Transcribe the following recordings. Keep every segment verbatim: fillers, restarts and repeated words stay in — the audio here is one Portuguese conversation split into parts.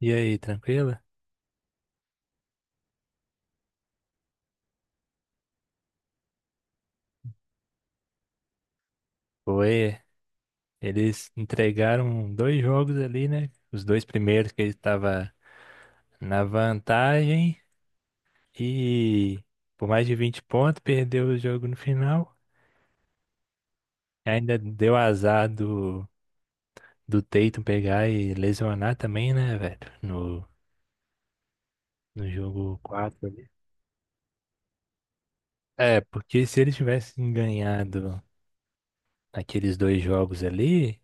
E aí, tranquilo? Foi. Eles entregaram dois jogos ali, né? Os dois primeiros que ele estava na vantagem e por mais de vinte pontos perdeu o jogo no final. Ainda deu azar do, do Tatum pegar e lesionar também, né, velho? No, no jogo quatro ali. É, porque se eles tivessem ganhado aqueles dois jogos ali,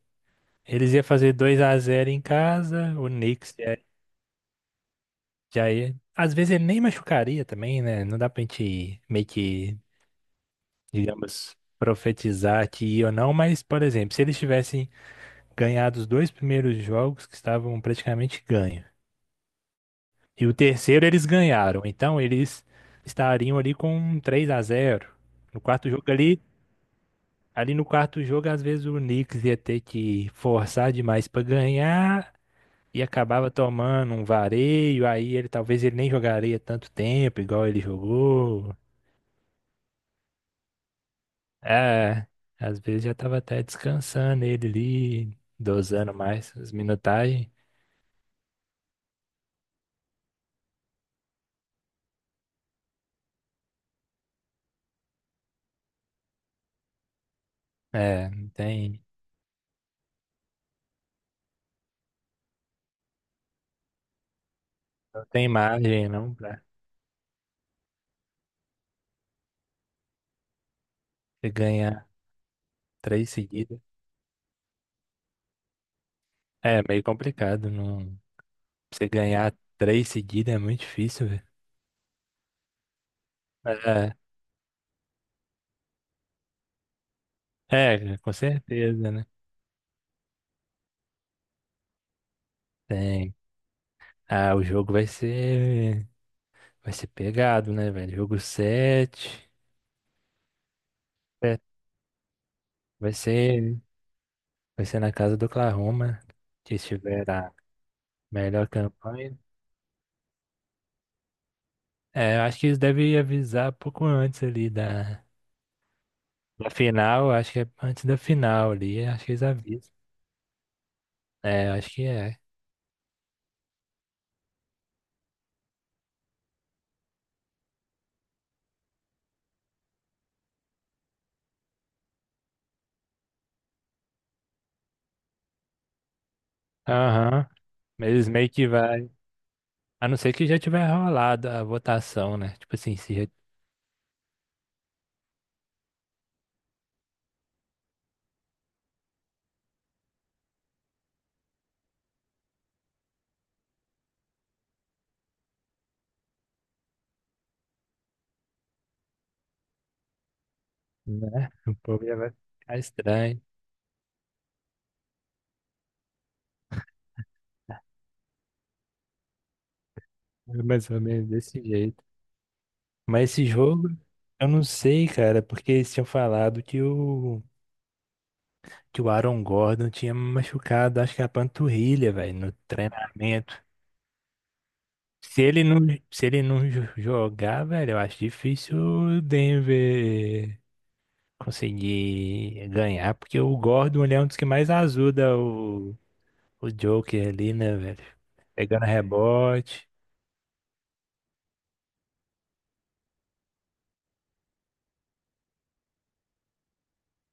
eles iam fazer dois a zero em casa, o Knicks já ia. Às vezes ele nem machucaria também, né? Não dá pra gente meio que, digamos, profetizar que ia ou não, mas, por exemplo, se eles tivessem ganhado os dois primeiros jogos que estavam praticamente ganhos, e o terceiro eles ganharam, então eles estariam ali com um três a zero. No quarto jogo ali, ali no quarto jogo, às vezes o Knicks ia ter que forçar demais pra ganhar. E acabava tomando um vareio, aí ele talvez ele nem jogaria tanto tempo, igual ele jogou. É, às vezes já tava até descansando ele ali, dosando mais as minutagens. É, não tem, não tem margem não pra você ganhar três seguidas. É meio complicado, não. Você ganhar três seguidas é muito difícil, velho. É, é, com certeza, né? Tem. Ah, o jogo vai ser, vai ser pegado, né, velho? Jogo sete. É, vai ser, vai ser na casa do Oklahoma, que estiver a melhor campanha. É, eu acho que eles devem avisar um pouco antes ali da, da final. Acho que é antes da final ali. Acho que eles avisam. É, acho que é. Aham. Mas eles meio que vai. A não ser que já tiver rolado a votação, né? Tipo assim, se já, né? O povo já vai ficar estranho. É, mais ou menos desse jeito. Mas esse jogo, eu não sei, cara, porque eles tinham falado que o, que o Aaron Gordon tinha machucado, acho que a panturrilha, velho, no treinamento. Se ele não, se ele não jo- jogar, velho, eu acho difícil o Denver conseguir ganhar, porque o Gordon ele é um dos que mais ajuda o, o Joker ali, né, velho? Pegando rebote,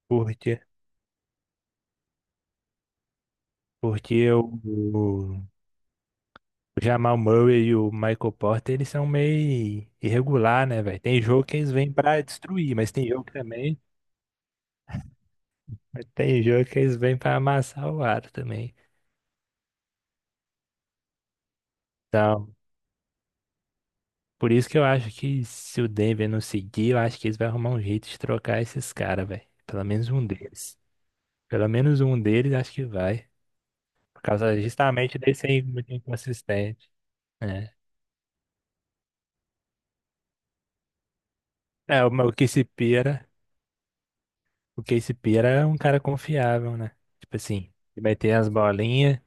porque, porque o, o Jamal Murray e o Michael Porter, eles são meio irregular, né, velho? Tem jogo que eles vêm pra destruir, mas tem jogo também, mas tem jogo que eles vêm pra amassar o aro também. Então, por isso que eu acho que se o Denver não seguir, eu acho que eles vão arrumar um jeito de trocar esses caras, velho. Pelo menos um deles. Pelo menos um deles acho que vai. Por causa justamente desse aí muito inconsistente. É, é o, o Casey Pira, o Casey Pira é um cara confiável, né? Tipo assim, ele vai ter as bolinhas.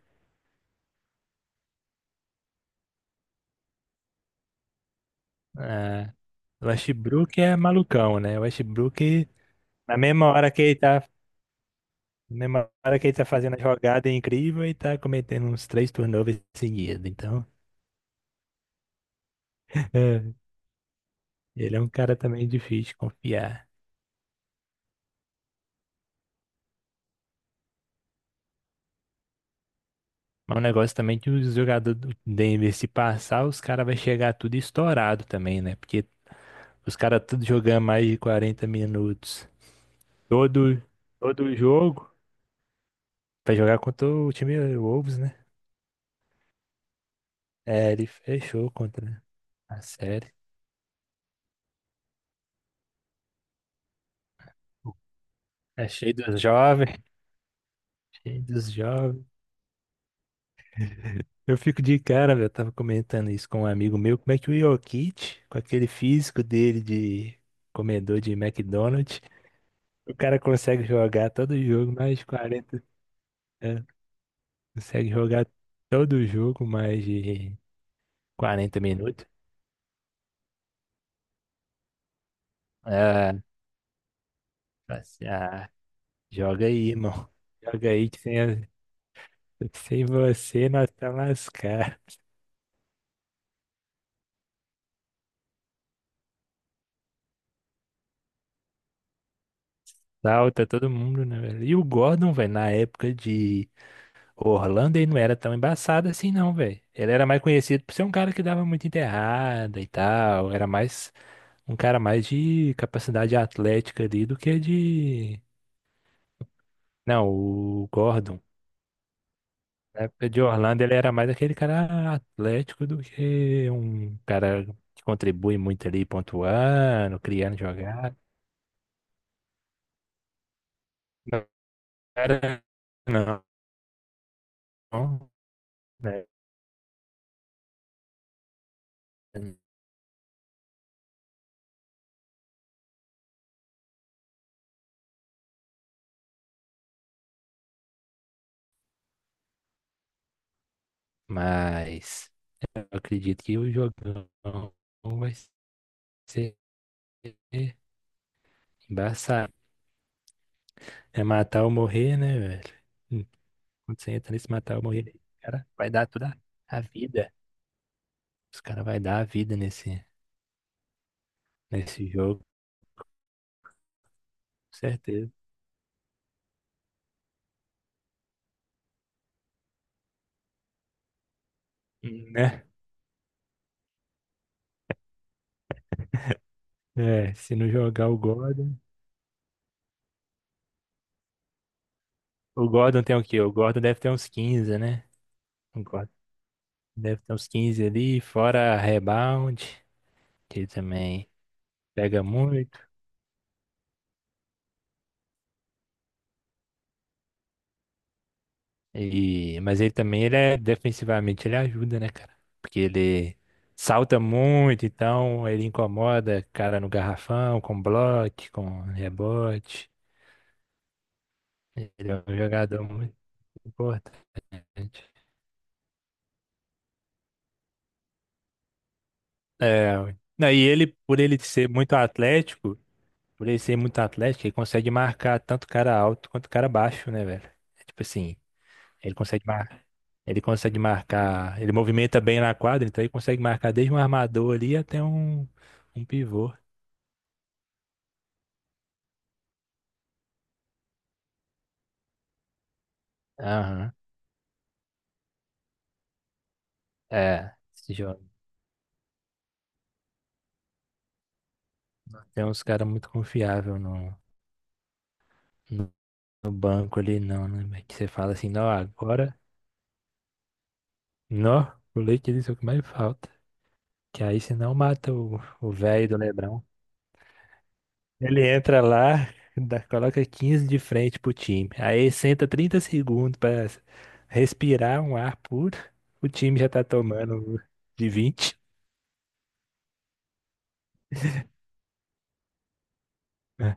Ah, o Westbrook é malucão, né? O Westbrook, na mesma hora que ele tá, na mesma hora que ele tá fazendo a jogada incrível, ele tá cometendo uns três turnovers seguidos. Então. Ele é um cara também difícil de confiar. Mas o negócio também é que os jogadores do Denver, se passar, os caras vai chegar tudo estourado também, né? Porque os caras tudo jogando mais de quarenta minutos. Todo, todo jogo. Pra jogar contra o time Wolves, né? É, ele fechou contra a série. É cheio dos jovens. Cheio dos jovens. Eu fico de cara, velho. Eu tava comentando isso com um amigo meu. Como é que o Jokic, com aquele físico dele de comedor de McDonald's, o cara consegue jogar todo jogo mais quarenta. É, consegue jogar todo jogo mais de quarenta minutos. Ah, assim, ah, joga aí, irmão. Joga aí que sem, a- sem você nós tá lascar. Salta todo mundo, né, velho? E o Gordon, velho, na época de Orlando, ele não era tão embaçado assim, não, velho. Ele era mais conhecido por ser um cara que dava muito enterrada e tal. Era mais um cara mais de capacidade atlética ali do que de. Não, o Gordon, na época de Orlando, ele era mais aquele cara atlético do que um cara que contribui muito ali, pontuando, criando jogada. Não era, não, né? Mas eu acredito que o jogão vai ser embaçado. É matar ou morrer, né, velho? Hum, Quando você entra nesse matar ou morrer, o cara vai dar toda a vida. Os caras vai dar a vida nesse, nesse jogo, com certeza. Né? É, se não jogar o Gordon. O Gordon tem o quê? O Gordon deve ter uns quinze né? O Gordon deve ter uns quinze ali, fora rebound, que ele também pega muito. E, mas ele também ele é defensivamente, ele ajuda, né, cara? Porque ele salta muito, então ele incomoda cara no garrafão, com bloco, com rebote. Ele é um jogador muito importante. É, não, e ele, por ele ser muito atlético. Por ele ser muito atlético, ele consegue marcar tanto cara alto quanto cara baixo, né, velho? É, tipo assim, ele consegue marcar, ele consegue marcar, ele movimenta bem na quadra, então ele consegue marcar desde um armador ali até um, um pivô. Aham. É, esse jogo. Tem uns caras muito confiáveis no, no, no banco ali, não, né? Velho? Que você fala assim, não, agora, não, o leite disso é o que mais falta. Que aí senão mata o o velho do Lebrão. Ele entra lá, dá- coloca quinze de frente pro time. Aí senta trinta segundos pra respirar um ar puro. O time já tá tomando de vinte. Né?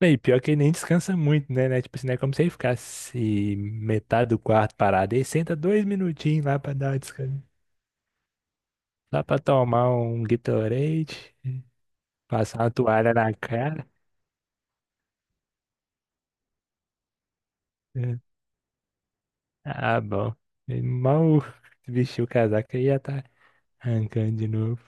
E pior que ele nem descansa muito, né? Né? Tipo assim, não é como se ele ficasse metade do quarto parado. Ele senta dois minutinhos lá pra dar uma descanso. Lá pra tomar um Gatorade, passar uma toalha na cara. É. Ah, bom. Ele mal vestiu o casaco e já tá arrancando de novo.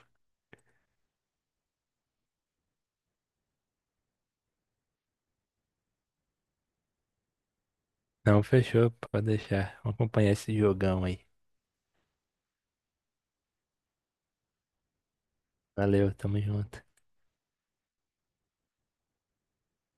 Não, fechou, pode deixar. Vamos acompanhar esse jogão aí. Valeu, tamo junto.